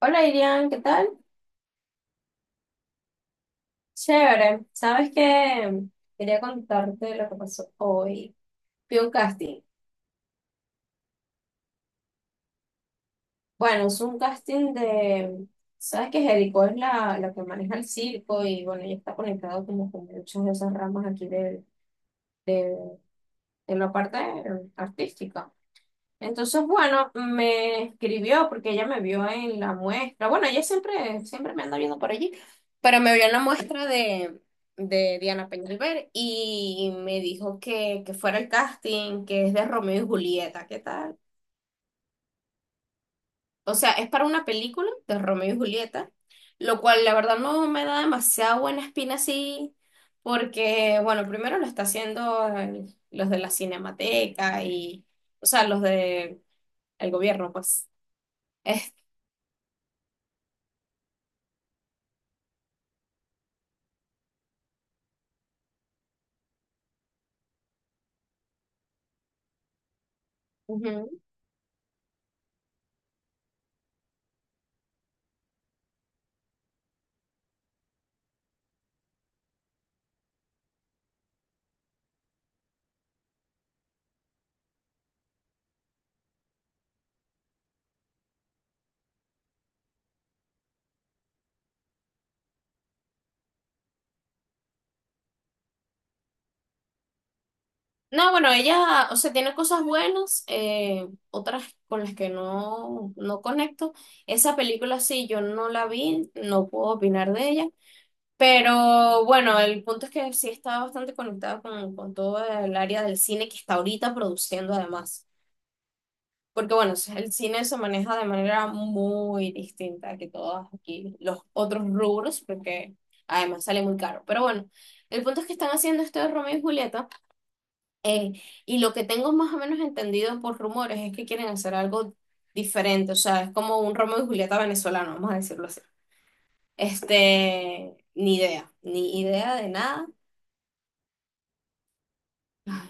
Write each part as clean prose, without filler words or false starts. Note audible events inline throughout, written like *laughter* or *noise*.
Hola Irian, ¿qué tal? Chévere. ¿Sabes qué? Quería contarte lo que pasó hoy. Fui a un casting. Bueno, es un casting de... ¿Sabes que Jericó es la que maneja el circo y bueno, ella está conectado como con muchas de esas ramas aquí de, de la parte artística. Entonces, bueno, me escribió porque ella me vio en la muestra. Bueno, ella siempre me anda viendo por allí, pero me vio en la muestra de Diana Peñalver y me dijo que fuera el casting, que es de Romeo y Julieta, ¿qué tal? O sea, es para una película de Romeo y Julieta, lo cual la verdad no me da demasiada buena espina así, porque, bueno, primero lo está haciendo los de la Cinemateca y, o sea, los de el gobierno, pues. Ujú. No, bueno, ella, o sea, tiene cosas buenas, otras con las que no, no conecto. Esa película sí, yo no la vi, no puedo opinar de ella, pero bueno, el punto es que sí está bastante conectada con todo el área del cine que está ahorita produciendo además. Porque bueno, el cine se maneja de manera muy distinta que todos aquí los otros rubros, porque además sale muy caro. Pero bueno, el punto es que están haciendo este de Romeo y Julieta. Eh, y lo que tengo más o menos entendido por rumores es que quieren hacer algo diferente, o sea, es como un Romeo y Julieta venezolano, vamos a decirlo así. Este, ni idea, ni idea de nada. Ay,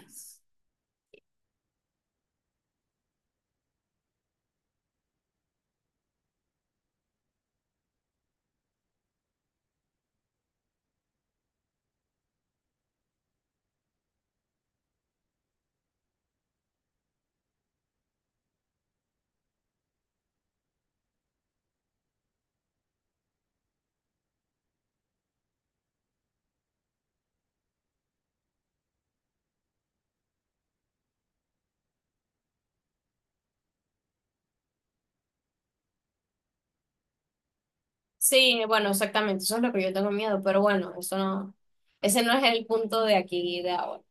sí, bueno, exactamente, eso es lo que yo tengo miedo, pero bueno, eso no, ese no es el punto de aquí de ahora.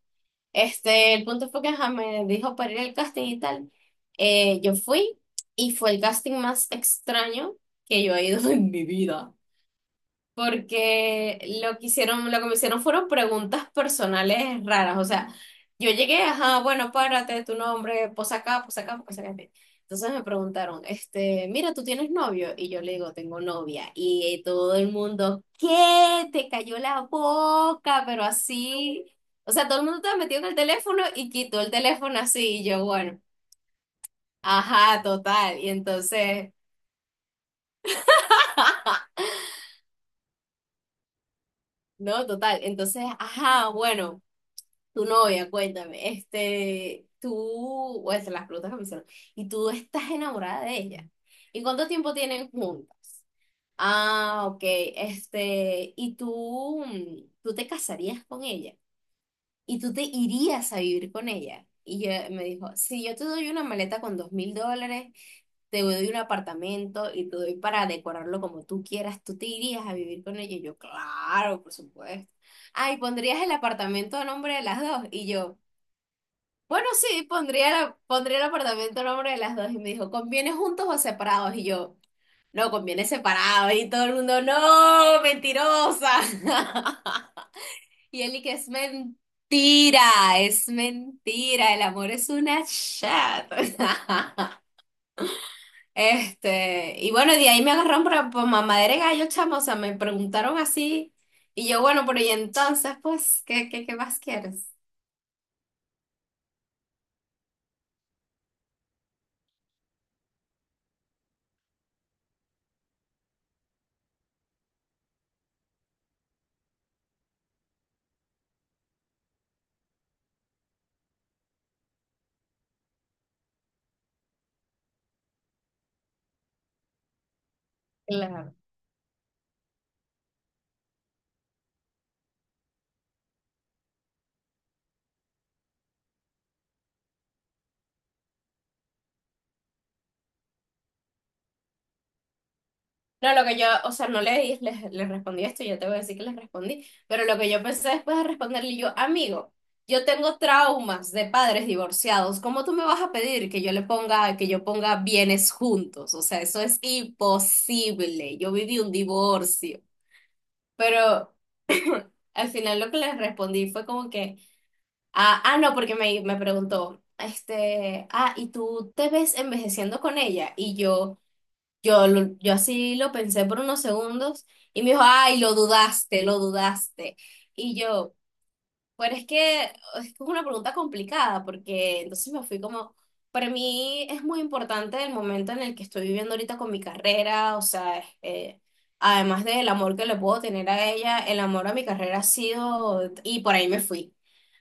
Este, el punto fue que ajá, me dijo para ir al casting y tal. Yo fui y fue el casting más extraño que yo he ido *laughs* en mi vida. Porque lo que hicieron, lo que me hicieron fueron preguntas personales raras. O sea, yo llegué, ajá, bueno, párate, tu nombre, posa acá, posa acá, posa acá. Ok. Entonces me preguntaron, este, mira, ¿tú tienes novio? Y yo le digo, tengo novia. Y todo el mundo, ¿qué? Te cayó la boca, pero así. O sea, todo el mundo estaba metido en el teléfono y quitó el teléfono así. Y yo, bueno, ajá, total. Y entonces, no, total. Entonces, ajá, bueno. Tu novia, cuéntame, este, tú, o sea, las preguntas que me hicieron, y tú estás enamorada de ella. ¿Y cuánto tiempo tienen juntas? Ah, ok, este, y tú, tú te casarías con ella, y tú te irías a vivir con ella. Y yo me dijo, si yo te doy una maleta con $2000, te doy un apartamento y te doy para decorarlo como tú quieras, ¿tú te irías a vivir con ella? Y yo, claro, por supuesto. Ay, pondrías el apartamento a nombre de las dos. Y yo, bueno, sí, pondría, pondría el apartamento a nombre de las dos. Y me dijo, ¿conviene juntos o separados? Y yo, no, conviene separados. Y todo el mundo, no, mentirosa. *laughs* Y él y que es mentira, es mentira. El amor es una chat. *laughs* Este, y bueno, de ahí me agarraron por mamadera de gallo, chamo. O sea, me preguntaron así. Y yo, bueno, pero y entonces, pues, ¿ qué más quieres? Claro, no, lo que yo, o sea, no le, les respondí esto, yo te voy a decir que les respondí, pero lo que yo pensé después de responderle yo, amigo, yo tengo traumas de padres divorciados, ¿cómo tú me vas a pedir que yo le ponga, que yo ponga bienes juntos? O sea, eso es imposible, yo viví un divorcio, pero al final lo que les respondí fue como que, ah, ah, no, porque me preguntó, este, ah, ¿y tú te ves envejeciendo con ella? Y yo... Yo, yo así lo pensé por unos segundos y me dijo, ay, lo dudaste, lo dudaste. Y yo, pero es que es como una pregunta complicada porque entonces me fui como, para mí es muy importante el momento en el que estoy viviendo ahorita con mi carrera, o sea, además del amor que le puedo tener a ella, el amor a mi carrera ha sido, y por ahí me fui.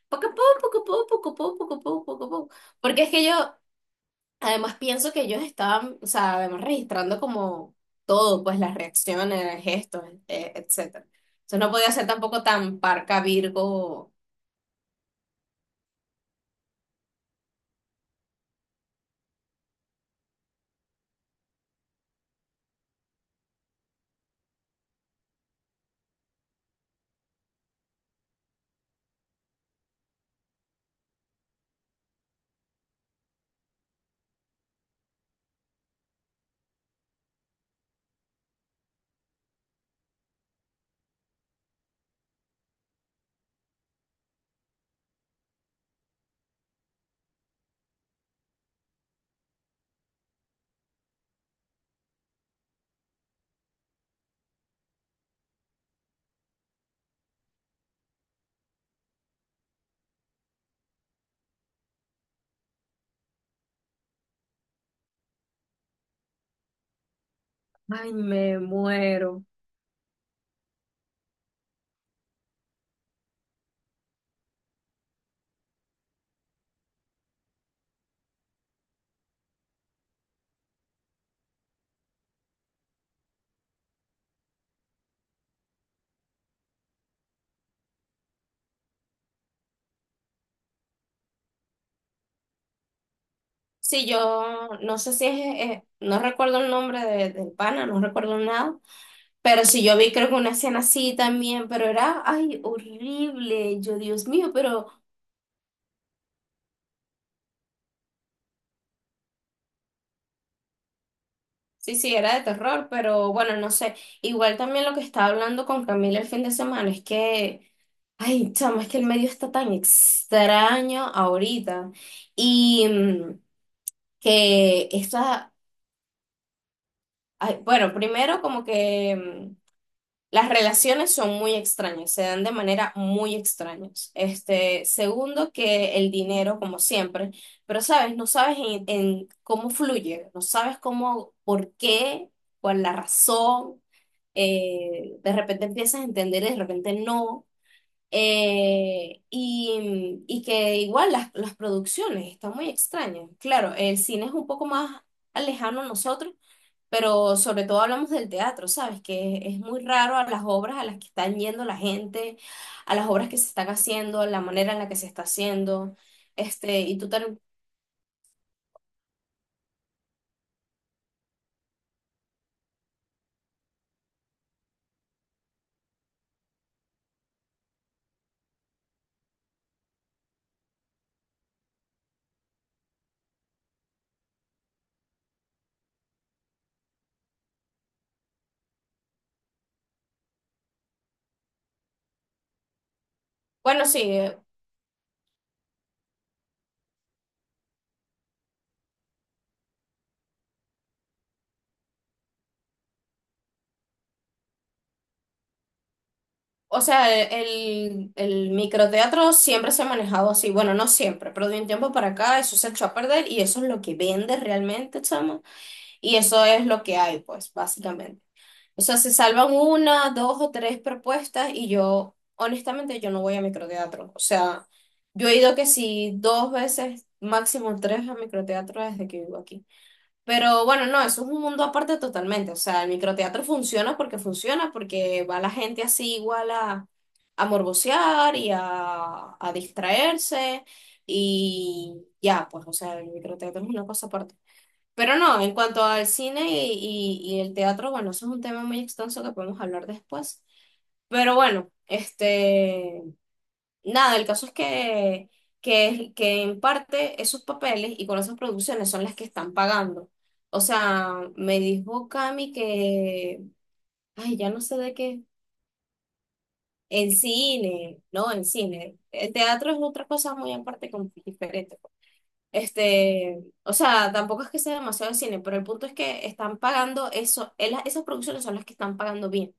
Poco a poco, poco a poco, poco a poco, poco a poco, poco a poco. Porque es que yo además, pienso que ellos estaban, o sea, además registrando como todo, pues las reacciones, gestos, etcétera. Entonces no podía ser tampoco tan parca Virgo. Ay, me muero. Sí, yo no sé si es, no recuerdo el nombre del pana, no recuerdo nada, pero sí yo vi creo que una escena así también, pero era, ay, horrible, yo, Dios mío, pero sí, sí, era de terror, pero bueno, no sé. Igual también lo que estaba hablando con Camila el fin de semana es que ay, chamo, es que el medio está tan extraño ahorita. Y que esta, ay, bueno, primero como que las relaciones son muy extrañas, se dan de manera muy extraña. Este, segundo, que el dinero, como siempre, pero sabes, no sabes en cómo fluye, no sabes cómo, por qué, cuál la razón. De repente empiezas a entender y de repente no. Y, y que igual las producciones están muy extrañas. Claro, el cine es un poco más lejano a nosotros, pero sobre todo hablamos del teatro, ¿sabes? Que es muy raro a las obras a las que están yendo la gente, a las obras que se están haciendo, la manera en la que se está haciendo. Este, bueno, sí, o sea, el microteatro siempre se ha manejado así. Bueno, no siempre, pero de un tiempo para acá eso se echó a perder y eso es lo que vende realmente, chama. Y eso es lo que hay, pues, básicamente. O sea, se salvan una, dos o tres propuestas y yo, honestamente, yo no voy a microteatro. O sea, yo he ido que sí dos veces, máximo tres a microteatro desde que vivo aquí. Pero bueno, no, eso es un mundo aparte totalmente. O sea, el microteatro funciona, porque va la gente así igual a morbosear y a distraerse y ya, pues, o sea, el microteatro es una cosa aparte. Pero no, en cuanto al cine y, y el teatro, bueno, eso es un tema muy extenso que podemos hablar después. Pero bueno, este, nada, el caso es que en parte esos papeles y con esas producciones son las que están pagando. O sea, me dijo Cami que, ay, ya no sé de qué, en cine, no, en cine. El teatro es otra cosa muy aparte, como diferente. Este, o sea, tampoco es que sea demasiado de cine, pero el punto es que están pagando eso, esas producciones son las que están pagando bien.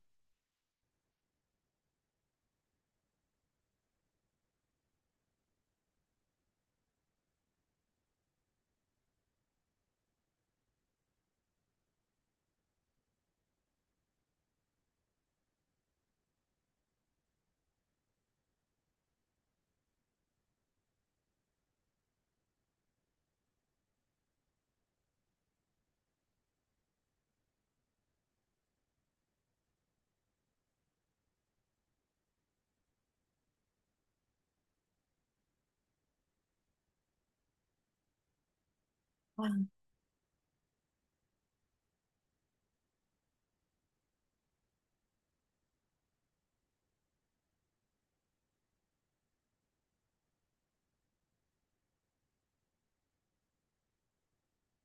Ah,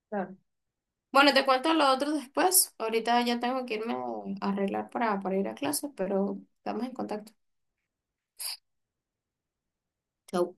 claro. Bueno, te cuento lo otro después. Ahorita ya tengo que irme a arreglar para ir a clases, pero estamos en contacto. Chau.